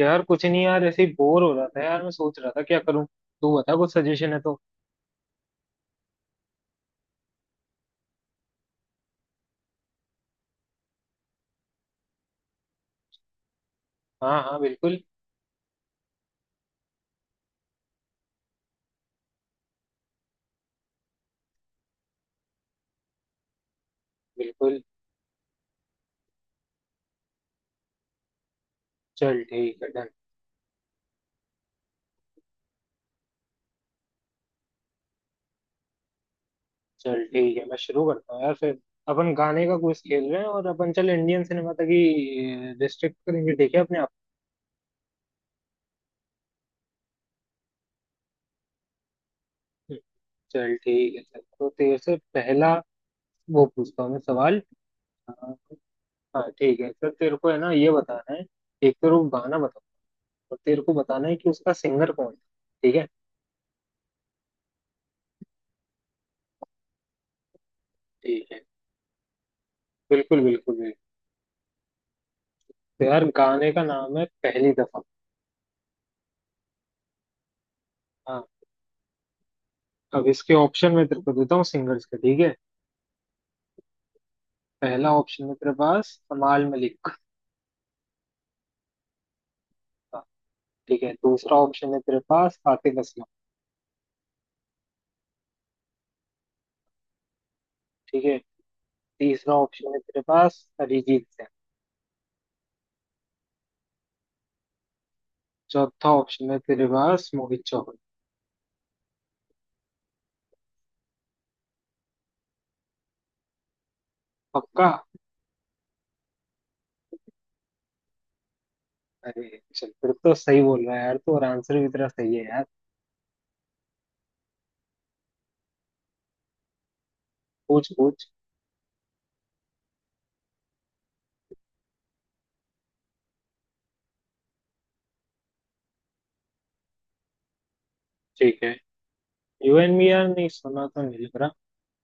यार कुछ नहीं यार, ऐसे ही बोर हो रहा था यार। मैं सोच रहा था क्या करूं। तू बता, कुछ सजेशन है तो। हाँ हाँ बिल्कुल। बिल्कुल चल ठीक है, डन। चल ठीक है, मैं शुरू करता हूँ यार फिर। अपन गाने का क्विज खेल रहे हैं और अपन चल इंडियन सिनेमा तक ही रिस्ट्रिक्ट करेंगे, ठीक है, अपने आप को। चल ठीक है, चल तो तेरे से पहला वो पूछता हूँ मैं सवाल। हाँ हाँ, ठीक है सर, तेरे को है ना ये बताना है। एक तो वो गाना बताओ, और तेरे को बताना है कि उसका सिंगर कौन है, ठीक है। ठीक है, बिल्कुल बिल्कुल। तो यार गाने का नाम है पहली दफा। हाँ। अब इसके ऑप्शन में तेरे को देता हूँ सिंगर्स के, ठीक है। पहला ऑप्शन है तेरे पास कमाल मलिक का। ठीक है, दूसरा ऑप्शन है तेरे पास आतिफ असलम। ठीक है, तीसरा ऑप्शन है तेरे पास अरिजीत सिंह। चौथा ऑप्शन है तेरे पास मोहित चौहान। पक्का? अरे चल, फिर तो सही बोल रहा है यार, तो और आंसर भी तेरा सही है यार। पूछ पूछ। ठीक है, यू एंड मी, यार नहीं सुना तो, नहीं लग रहा।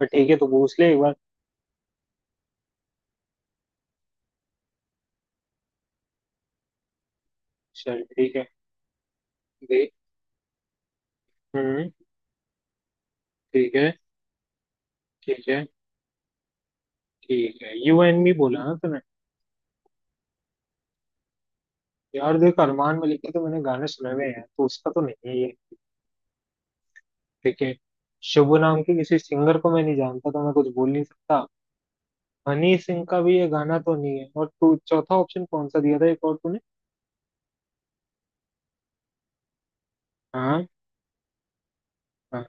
पर ठीक है, तो पूछ ले एक बार। चल ठीक है। देख। हम्म। ठीक है। ठीक है। ठीक है, यू एंड मी बोला ना तूने। यार देख, अरमान मलिक के तो मैंने गाने सुने हुए हैं, तो उसका तो नहीं है ये। ठीक है। शुभ नाम के किसी सिंगर को मैं नहीं जानता, तो मैं कुछ बोल नहीं सकता। हनी सिंह का भी ये गाना तो नहीं है। और तू चौथा ऑप्शन कौन सा दिया था, एक और तूने? हाँ। हाँ।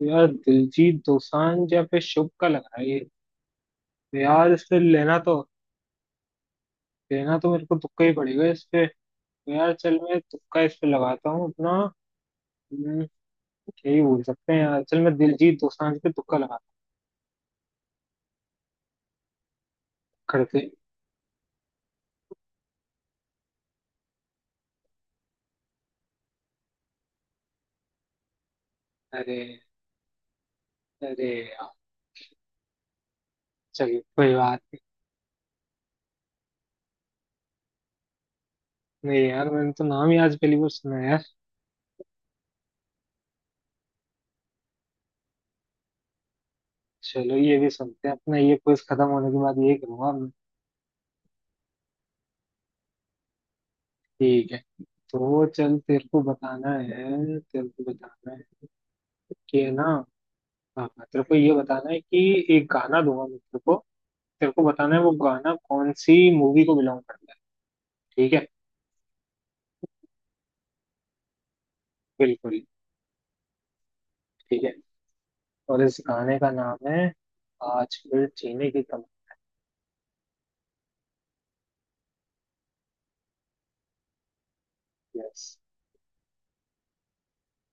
तो यार दिलजीत दोसांझ या फिर शुभ का लग रहा है ये। तो यार इस पे लेना तो मेरे को तुक्का ही पड़ेगा इस पे। तो यार चल, मैं तुक्का इस पे लगाता हूँ अपना। हम्म, यही बोल सकते हैं यार। चल, मैं दिलजीत दोसांझ पे तुक्का लगाता हूँ खड़े से। अरे अरे यार, चलिए कोई बात नहीं। नहीं यार, मैंने तो नाम ही आज पहली बार सुना है यार। चलो, ये भी सुनते हैं अपना, ये क्विज खत्म होने के बाद ये करूंगा मैं। ठीक है। तो चल, तेरे को बताना है कि, है ना, हाँ हाँ, तेरे को ये बताना है कि एक गाना दूंगा मैं तेरे को, तेरे को बताना है वो गाना कौन सी मूवी को बिलोंग करता है। ठीक है। बिल्कुल। ठीक है। और इस गाने का नाम है आज फिर जीने की तमन्ना। Yes.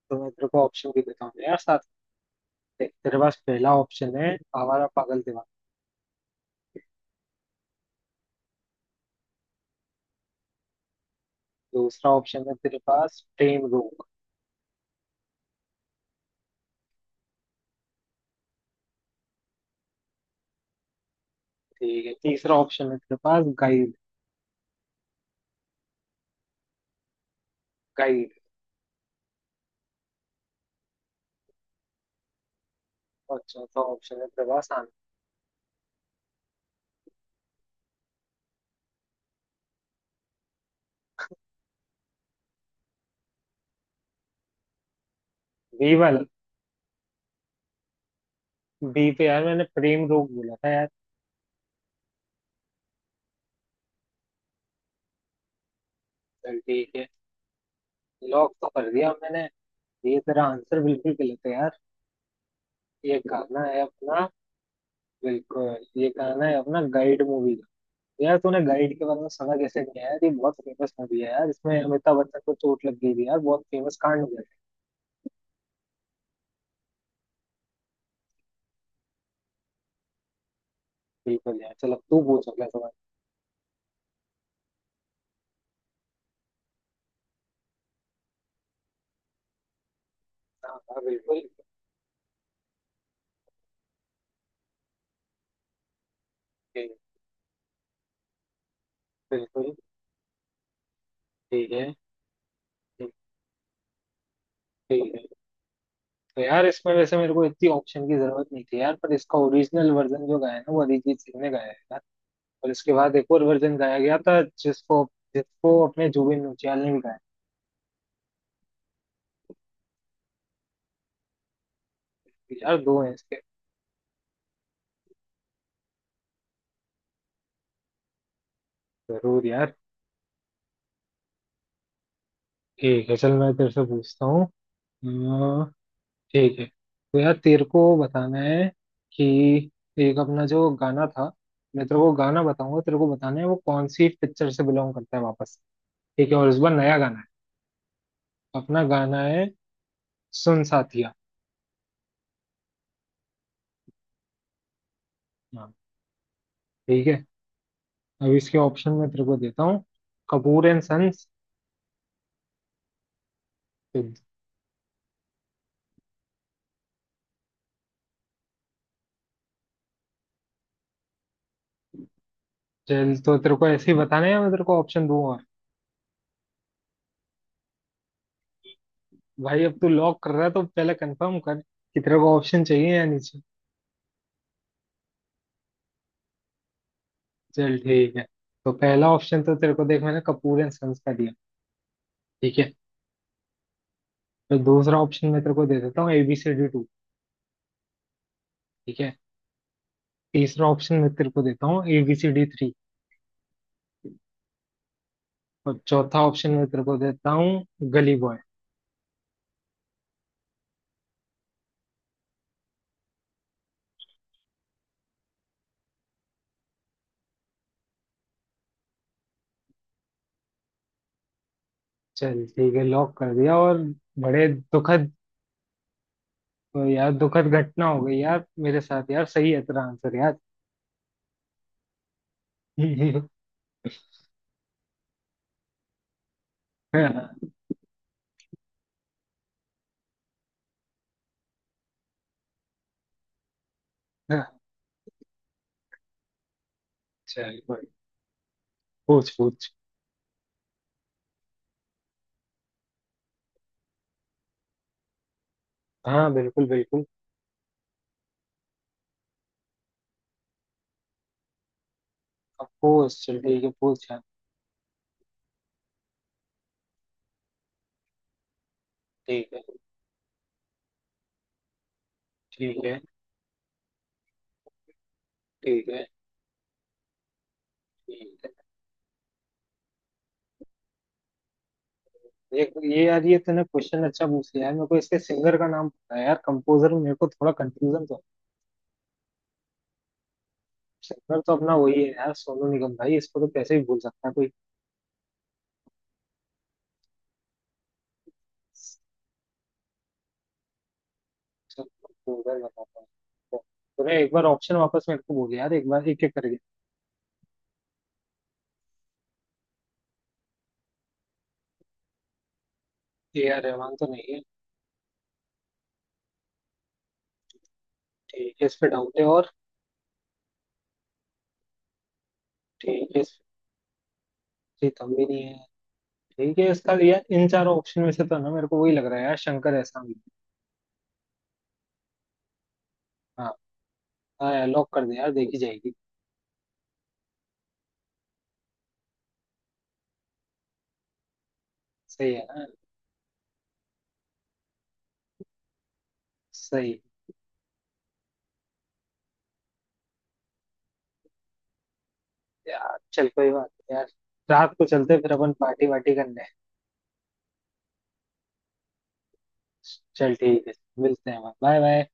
तो मैं तेरे को ऑप्शन भी देता हूँ यार। देख, तेरे पास पहला ऑप्शन है आवारा पागल दीवाना। दूसरा ऑप्शन है तेरे पास ट्रेन रोक। ठीक है, तीसरा ऑप्शन है तेरे पास गाइड। गाइड। और चौथा ऑप्शन है तेरे पास आनंद। बी वाला? बी पे यार मैंने प्रेम रोग बोला था यार। चल ठीक है, लॉक तो कर दिया मैंने। ये तेरा आंसर बिल्कुल गलत है यार। ये गाना है अपना, बिल्कुल, ये गाना है अपना गाइड मूवी का। यार तूने गाइड के बारे में सुना कैसे नहीं है यार, ये बहुत फेमस मूवी है यार, इसमें अमिताभ बच्चन को चोट लग गई थी यार, बहुत फेमस कांड हुआ। बिल्कुल यार, चलो तू पूछ अगला सवाल। हाँ हाँ बिल्कुल ठीक। बिल्कुल। ठीक है। ठीक। ठीक है। तो यार इसमें वैसे मेरे को इतनी ऑप्शन की जरूरत नहीं थी यार, पर इसका ओरिजिनल वर्जन जो गाया है ना, वो अरिजीत सिंह ने गाया है यार। और इसके बाद एक और वर्जन गाया गया था जिसको जिसको अपने जुबिन नौटियाल ने भी गाया था। यार दो है इसके। जरूर यार। ठीक है चल, मैं तेरे से पूछता हूँ। ठीक है। तो यार तेरे को बताना है कि एक अपना जो गाना था, मैं तेरे को गाना बताऊंगा, तेरे को बताना है वो कौन सी पिक्चर से बिलोंग करता है वापस। ठीक है, और इस बार नया गाना है, अपना गाना है सुन साथिया। हाँ। ठीक है, अब इसके ऑप्शन मैं तेरे को देता हूँ, कपूर एंड सन्स। तो चल, तो तेरे को ऐसे ही बताना है, मैं तेरे को ऑप्शन दूंगा। और भाई, अब तू लॉक कर रहा है तो पहले कंफर्म कर कि तेरे को ऑप्शन चाहिए या नहीं चाहिए। चल ठीक है। तो पहला ऑप्शन तो तेरे को देख मैंने कपूर एंड सन्स का दिया। ठीक है, तो दूसरा ऑप्शन मैं तेरे को दे देता हूँ एबीसीडी टू। ठीक है, तीसरा ऑप्शन मैं तेरे को देता हूँ एबीसीडी थ्री। और चौथा ऑप्शन मैं तेरे को देता हूँ गली बॉय। चल ठीक है, लॉक कर दिया और बड़े दुखद। यार दुखद घटना हो गई यार मेरे साथ, यार सही है तेरा आंसर यार। चल भाई, पूछ पूछ। हाँ बिल्कुल बिल्कुल। अब पूछ, चल ठीक है, पूछ यार। ठीक है। ठीक है। ठीक है। ठीक है। ये ये यार, ये तूने क्वेश्चन अच्छा पूछ लिया है। मेरे को इसके सिंगर का नाम पता है यार, कंपोजर में मेरे को थोड़ा कंफ्यूजन तो। सिंगर तो अपना वही है यार, सोनू निगम भाई, इसको तो कैसे ही भूल सकता है कोई। चल, कंपोजर बताता है। तूने एक बार ऑप्शन वापस मेरे को बोल यार, एक बार एक एक करके। ए आर रहमान तो नहीं है। ठीक है, इस पे डाउट है। और ठीक है, इस पे प्रीतम भी नहीं है। ठीक है, इसका यार इन चारों ऑप्शन में से तो ना मेरे को वही लग रहा है यार, शंकर एहसान भी। हाँ हाँ, लॉक कर दे यार, देखी जाएगी। सही है ना। सही। यार चल कोई बात नहीं यार, रात को चलते हैं फिर अपन पार्टी वार्टी करने। चल ठीक है, मिलते हैं, बाय बाय।